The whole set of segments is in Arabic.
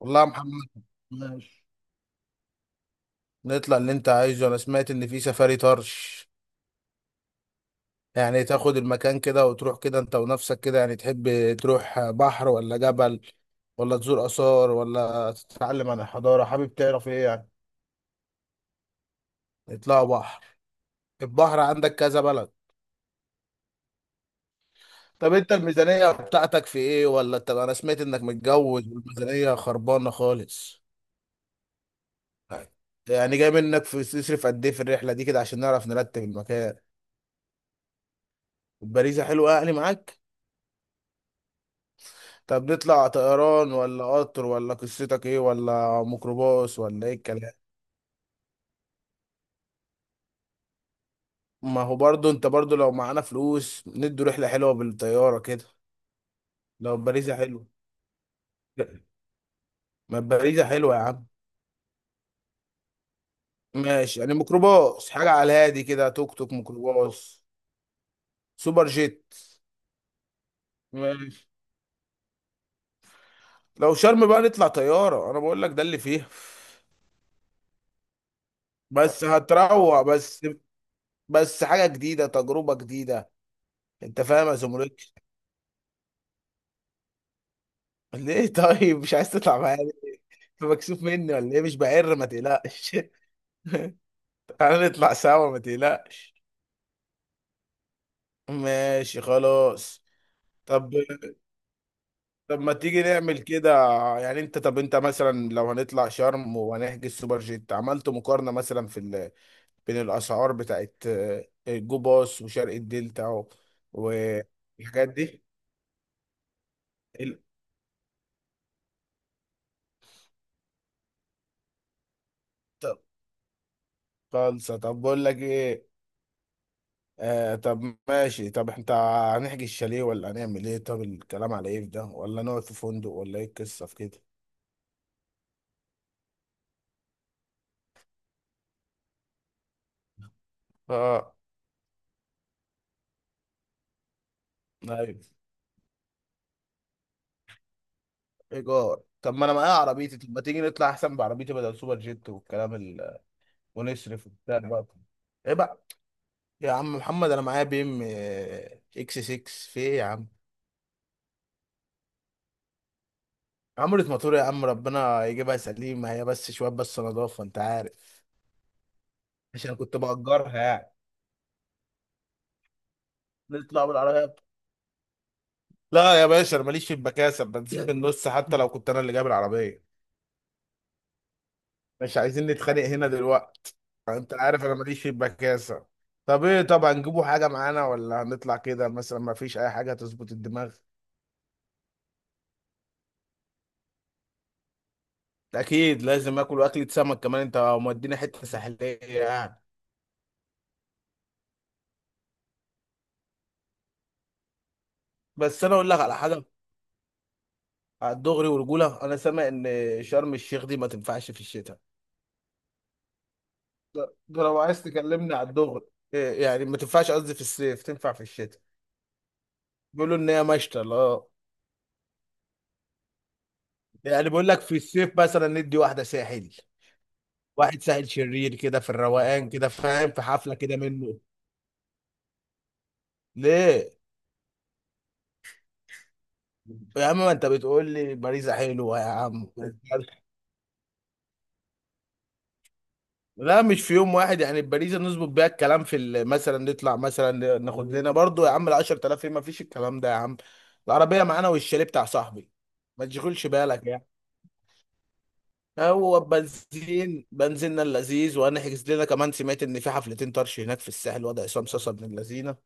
والله يا محمد، ماشي. نطلع اللي انت عايزه. انا سمعت ان في سفاري طرش. يعني تاخد المكان كده وتروح كده انت ونفسك كده، يعني تحب تروح بحر ولا جبل ولا تزور آثار ولا تتعلم عن الحضارة؟ حابب تعرف ايه يعني؟ اطلعوا بحر. البحر عندك كذا بلد. طب انت الميزانية بتاعتك في ايه؟ ولا طب انا سمعت انك متجوز والميزانية خربانة خالص. يعني جاي منك في تصرف قد ايه في الرحلة دي كده عشان نعرف نرتب المكان. البريزة حلوة يعني معاك. طب نطلع طيران ولا قطر ولا قصتك ايه، ولا ميكروباص ولا ايه الكلام؟ ما هو برضو انت لو معانا فلوس ندي رحلة حلوة بالطيارة كده. لو باريزة حلوة. ما باريزة حلوة يا عم. ماشي، يعني ميكروباص حاجة على الهادي كده، توك توك، ميكروباص، سوبر جيت. ماشي. لو شرم بقى نطلع طيارة، انا بقول لك ده اللي فيها. بس هتروق، بس حاجة جديدة، تجربة جديدة. انت فاهم يا زمرك؟ ليه طيب مش عايز تطلع معايا ليه؟ انت مكسوف مني ولا ايه؟ مش بعر، ما تقلقش. تعالى نطلع سوا، ما تقلقش. ماشي، خلاص. طب طب ما تيجي نعمل كده. يعني انت انت مثلا لو هنطلع شرم وهنحجز سوبر جيت، عملت مقارنة مثلا في بين الاسعار بتاعت جو باص وشرق الدلتا والحاجات دي. ال- طب خالصة، طب بقول لك ايه. آه، طب ماشي. طب انت هنحجز الشاليه ولا هنعمل ايه؟ طب الكلام على ايه في ده، ولا نقعد في فندق ولا ايه القصه في كده؟ اه، ايوه. ايجار؟ طب ما انا معايا عربيتي، طب ما تيجي نطلع احسن بعربيتي بدل سوبر جيت والكلام ونصرف وبتاع بقى. ايه بقى، يا عم محمد انا معايا بي ام اكس 6، في ايه يا عم؟ عمرة موتور يا عم، ربنا يجيبها سليمة هي، بس شوية بس نضافة انت عارف، عشان كنت بأجرها يعني. نطلع بالعربية. لا يا باشا، انا ماليش في المكاسب، بنزل من النص حتى لو كنت انا اللي جايب العربيه. مش عايزين نتخانق هنا دلوقتي. انت عارف انا ماليش في المكاسب. طب ايه، طبعا نجيبوا حاجه معانا ولا هنطلع كده مثلا؟ ما فيش اي حاجه تظبط الدماغ؟ اكيد لازم اكل، اكله سمك كمان، انت مودينا حته ساحليه يعني. بس انا اقول لك على حاجه، على الدغري ورجوله، انا سامع ان شرم الشيخ دي ما تنفعش في الشتاء. ده لو عايز تكلمني على الدغري. إيه يعني ما تنفعش؟ قصدي في الصيف تنفع، في الشتاء بيقولوا ان هي مشتى لا. يعني بقول لك في الصيف مثلا ندي واحده ساحل، واحد ساحل شرير كده في الروقان كده فاهم، في حفله كده منه. ليه يا عم، ما انت بتقول لي باريزا حلوه يا عم. لا مش في يوم واحد، يعني باريزا نظبط بيها الكلام في مثلا نطلع، مثلا ناخد لنا برضو يا عم ال 10,000. ايه ما فيش الكلام ده يا عم؟ العربيه معانا والشاليه بتاع صاحبي، ما تشغلش بالك يعني، هو بنزين بنزيننا اللذيذ. وهنحجز لنا كمان، سمعت ان في حفلتين طرش هناك في الساحل وضع عصام صاصا ابن اللذينه.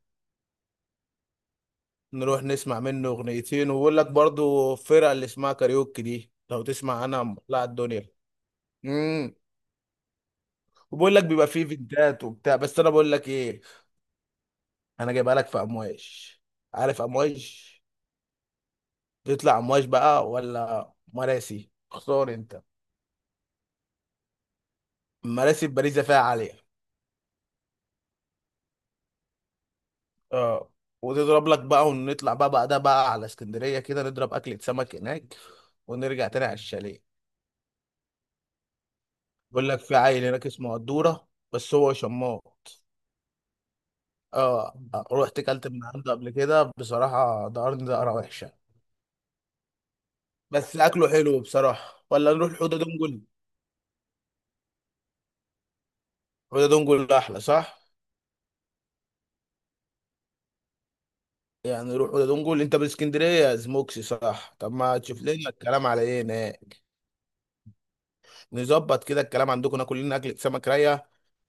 نروح نسمع منه اغنيتين. وبقول لك برضو الفرقه اللي اسمها كاريوكي دي، لو تسمع عنها مولعه الدنيا. امم. وبقول لك بيبقى فيه فيديوهات وبتاع، بس انا بقول لك ايه، انا جايبها لك في امواج. عارف امواج؟ تطلع امواج بقى ولا مراسي؟ اختار انت. مراسي في باريس فيها عاليه. اه. وتضرب لك بقى، ونطلع بقى بعدها بقى على اسكندريه كده، نضرب اكله سمك هناك، ونرجع تاني على الشاليه. بقول لك في عيل هناك اسمه قدوره، بس هو شماط. اه، رحت كلت من عنده قبل كده بصراحة، دقرني دقرة وحشة. بس أكله حلو بصراحة. ولا نروح حوضة دونجل؟ حوضة دونجل أحلى صح؟ يعني نروح حوضة دونجل. أنت من اسكندرية زموكسي صح؟ طب ما تشوف لنا الكلام على إيه هناك. نظبط كده الكلام عندكم، ناكل لنا أكلة سمك راية،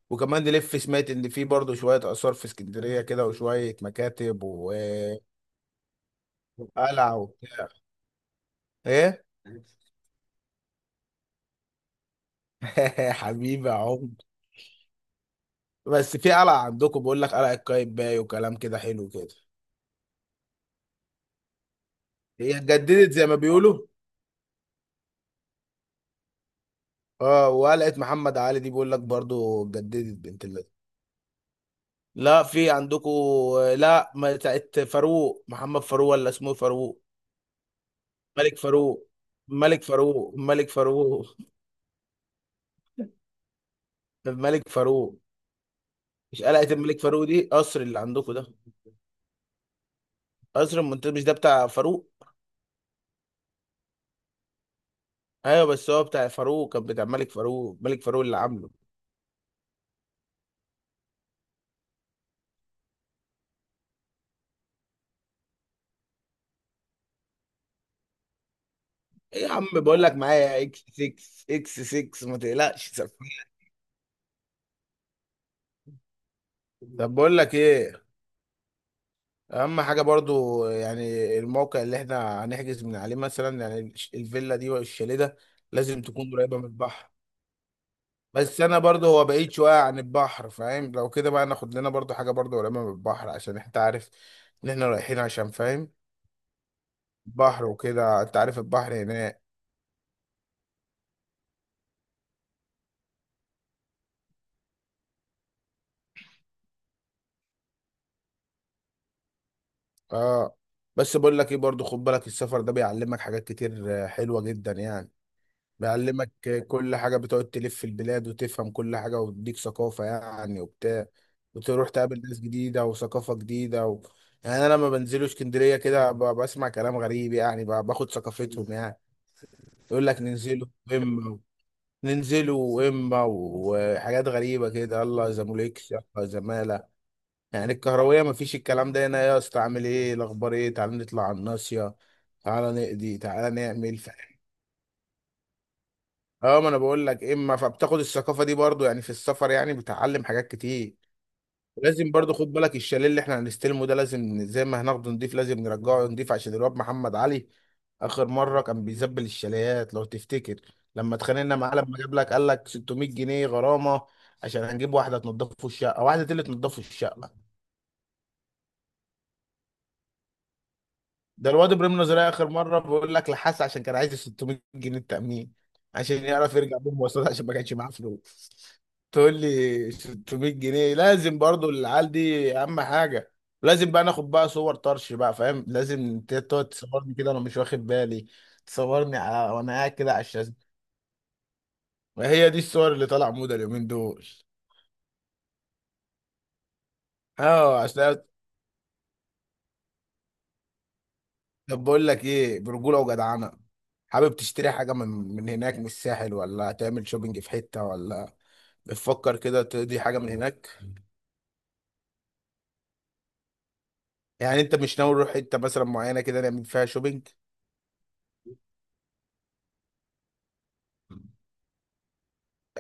وكمان نلف. سمعت إن في برضه شوية آثار في اسكندرية كده وشوية مكاتب وقلعة وبتاع. إيه؟ حبيبي يا عمر. بس في قلعة عندكم، بقول لك قلعة قايتباي وكلام كده حلو كده. هي اتجددت زي ما بيقولوا. اه، وقلقت محمد علي دي بيقول لك برضو اتجددت بنت اللذين. لا، في عندكم. لا، ما بتاعت فاروق، محمد فاروق، ولا اسمه فاروق؟ ملك فاروق. ملك فاروق. الملك فاروق. مش قلقة الملك فاروق دي قصر اللي عندكم ده؟ قصر المنتزه مش ده بتاع فاروق؟ ايوه بس هو بتاع فاروق، كان بتاع ملك فاروق، ملك فاروق اللي عامله. ايه يا عم، بقول لك معايا اكس 6، اكس 6 ما تقلقش. طب بقول لك ايه، اهم حاجه برضو يعني الموقع اللي احنا هنحجز من عليه مثلا، يعني الفيلا دي والشاليه ده لازم تكون قريبه من البحر. بس انا برضو هو بعيد شويه عن البحر فاهم، لو كده بقى ناخد لنا برضو حاجه برضو قريبه من البحر عشان انت عارف ان احنا رايحين عشان فاهم، بحر وكده انت عارف البحر هناك. اه. بس بقول لك ايه برضو، خد بالك، السفر ده بيعلمك حاجات كتير حلوه جدا يعني. بيعلمك كل حاجة، بتقعد تلف في البلاد وتفهم كل حاجة وتديك ثقافة يعني وبتاع، وتروح تقابل ناس جديدة وثقافة جديدة يعني أنا لما بنزلوا اسكندرية كده بسمع كلام غريب يعني، باخد ثقافتهم يعني. يقول لك ننزلوا إما، ننزلوا إما، وحاجات غريبة كده، الله زموليكس، الله زمالة. يعني الكهروية مفيش الكلام ده هنا. يا اسطى، عامل إيه الأخبار، إيه، تعالى نطلع على الناصية، تعالى نقضي، تعالى نعمل. اه، ما انا بقول لك اما، فبتاخد الثقافه دي برضو يعني في السفر، يعني بتعلم حاجات كتير. لازم برضو خد بالك، الشاليه اللي احنا هنستلمه ده لازم زي ما هناخده نضيف لازم نرجعه نضيف، عشان الواد محمد علي اخر مره كان بيزبل الشاليات لو تفتكر، لما اتخانقنا معاه لما جاب لك قال لك 600 جنيه غرامه. عشان هنجيب واحده تنضفه الشقه، واحده اللي تنضفه الشقه. ده الواد ابراهيم نظرية اخر مره بيقول لك لحس، عشان كان عايز 600 جنيه التامين عشان يعرف يرجع بيهم مواصلات عشان ما كانش معاه فلوس. تقول لي 600 جنيه. لازم برضو العيال دي اهم حاجه. لازم بقى ناخد بقى صور طرش بقى فاهم، لازم تقعد تصورني كده وانا مش واخد بالي. تصورني على وانا قاعد كده على الشاشه، وهي دي الصور اللي طالعه موضه اليومين دول. اه عشان، طب بقول لك ايه برجوله وجدعنه، حابب تشتري حاجه من من هناك من الساحل ولا تعمل شوبينج في حته، ولا بتفكر كده تقضي حاجة من هناك؟ يعني انت مش ناوي نروح حتة مثلا معينة كده نعمل فيها شوبينج؟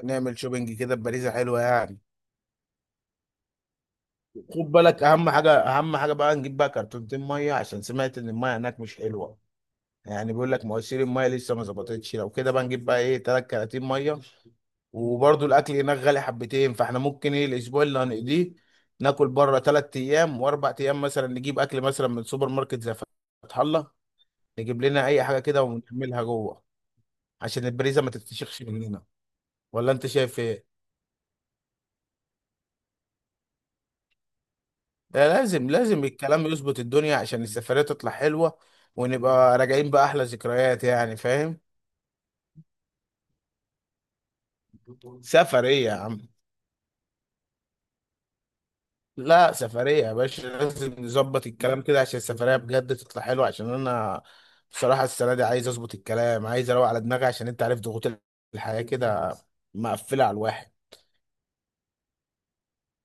نعمل شوبينج كده بباريزة حلوة يعني. خد بالك، اهم حاجة، اهم حاجة بقى نجيب بقى كرتونتين مية، عشان سمعت ان المية هناك مش حلوة، يعني بيقول لك مواسير المية لسه ما ظبطتش. لو كده بقى نجيب بقى ايه تلات كراتين مية. وبرضه الاكل هناك غالي حبتين، فاحنا ممكن ايه الاسبوع اللي هنقضيه ناكل بره تلات ايام واربع ايام، مثلا نجيب اكل مثلا من سوبر ماركت زي فتح الله. نجيب لنا اي حاجة كده ونعملها جوه عشان البريزة ما تتفشخش مننا. ولا انت شايف ايه؟ ده لازم، لازم الكلام يظبط الدنيا عشان السفرية تطلع حلوة ونبقى راجعين بأحلى ذكريات يعني فاهم. سفرية يا عم، لا سفرية يا باشا، لازم نظبط الكلام كده عشان السفرية بجد تطلع حلوة، عشان انا بصراحة السنة دي عايز اظبط الكلام، عايز اروق على دماغي عشان انت عارف ضغوط الحياة كده مقفلة على الواحد،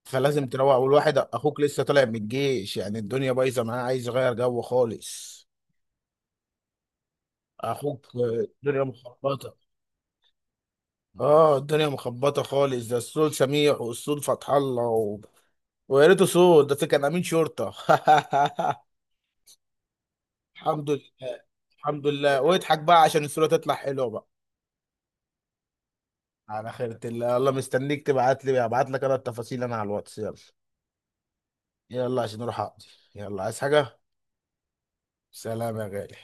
فلازم تروق. والواحد اخوك لسه طالع من الجيش يعني، الدنيا بايظة معاه، عايز يغير جو خالص. اخوك الدنيا مخبطه. اه الدنيا مخبطه خالص، ده السود سميح، والسود فتح الله ويا ريته سود، ده كان امين شرطه. الحمد لله. الحمد لله، واضحك بقى عشان الصوره تطلع حلوه بقى. على خيرة الله. الله مستنيك، تبعت لي، ابعت لك انا التفاصيل انا على الواتس، يلا. يلا عشان اروح اقضي. يلا، عايز حاجه؟ سلام يا غالي.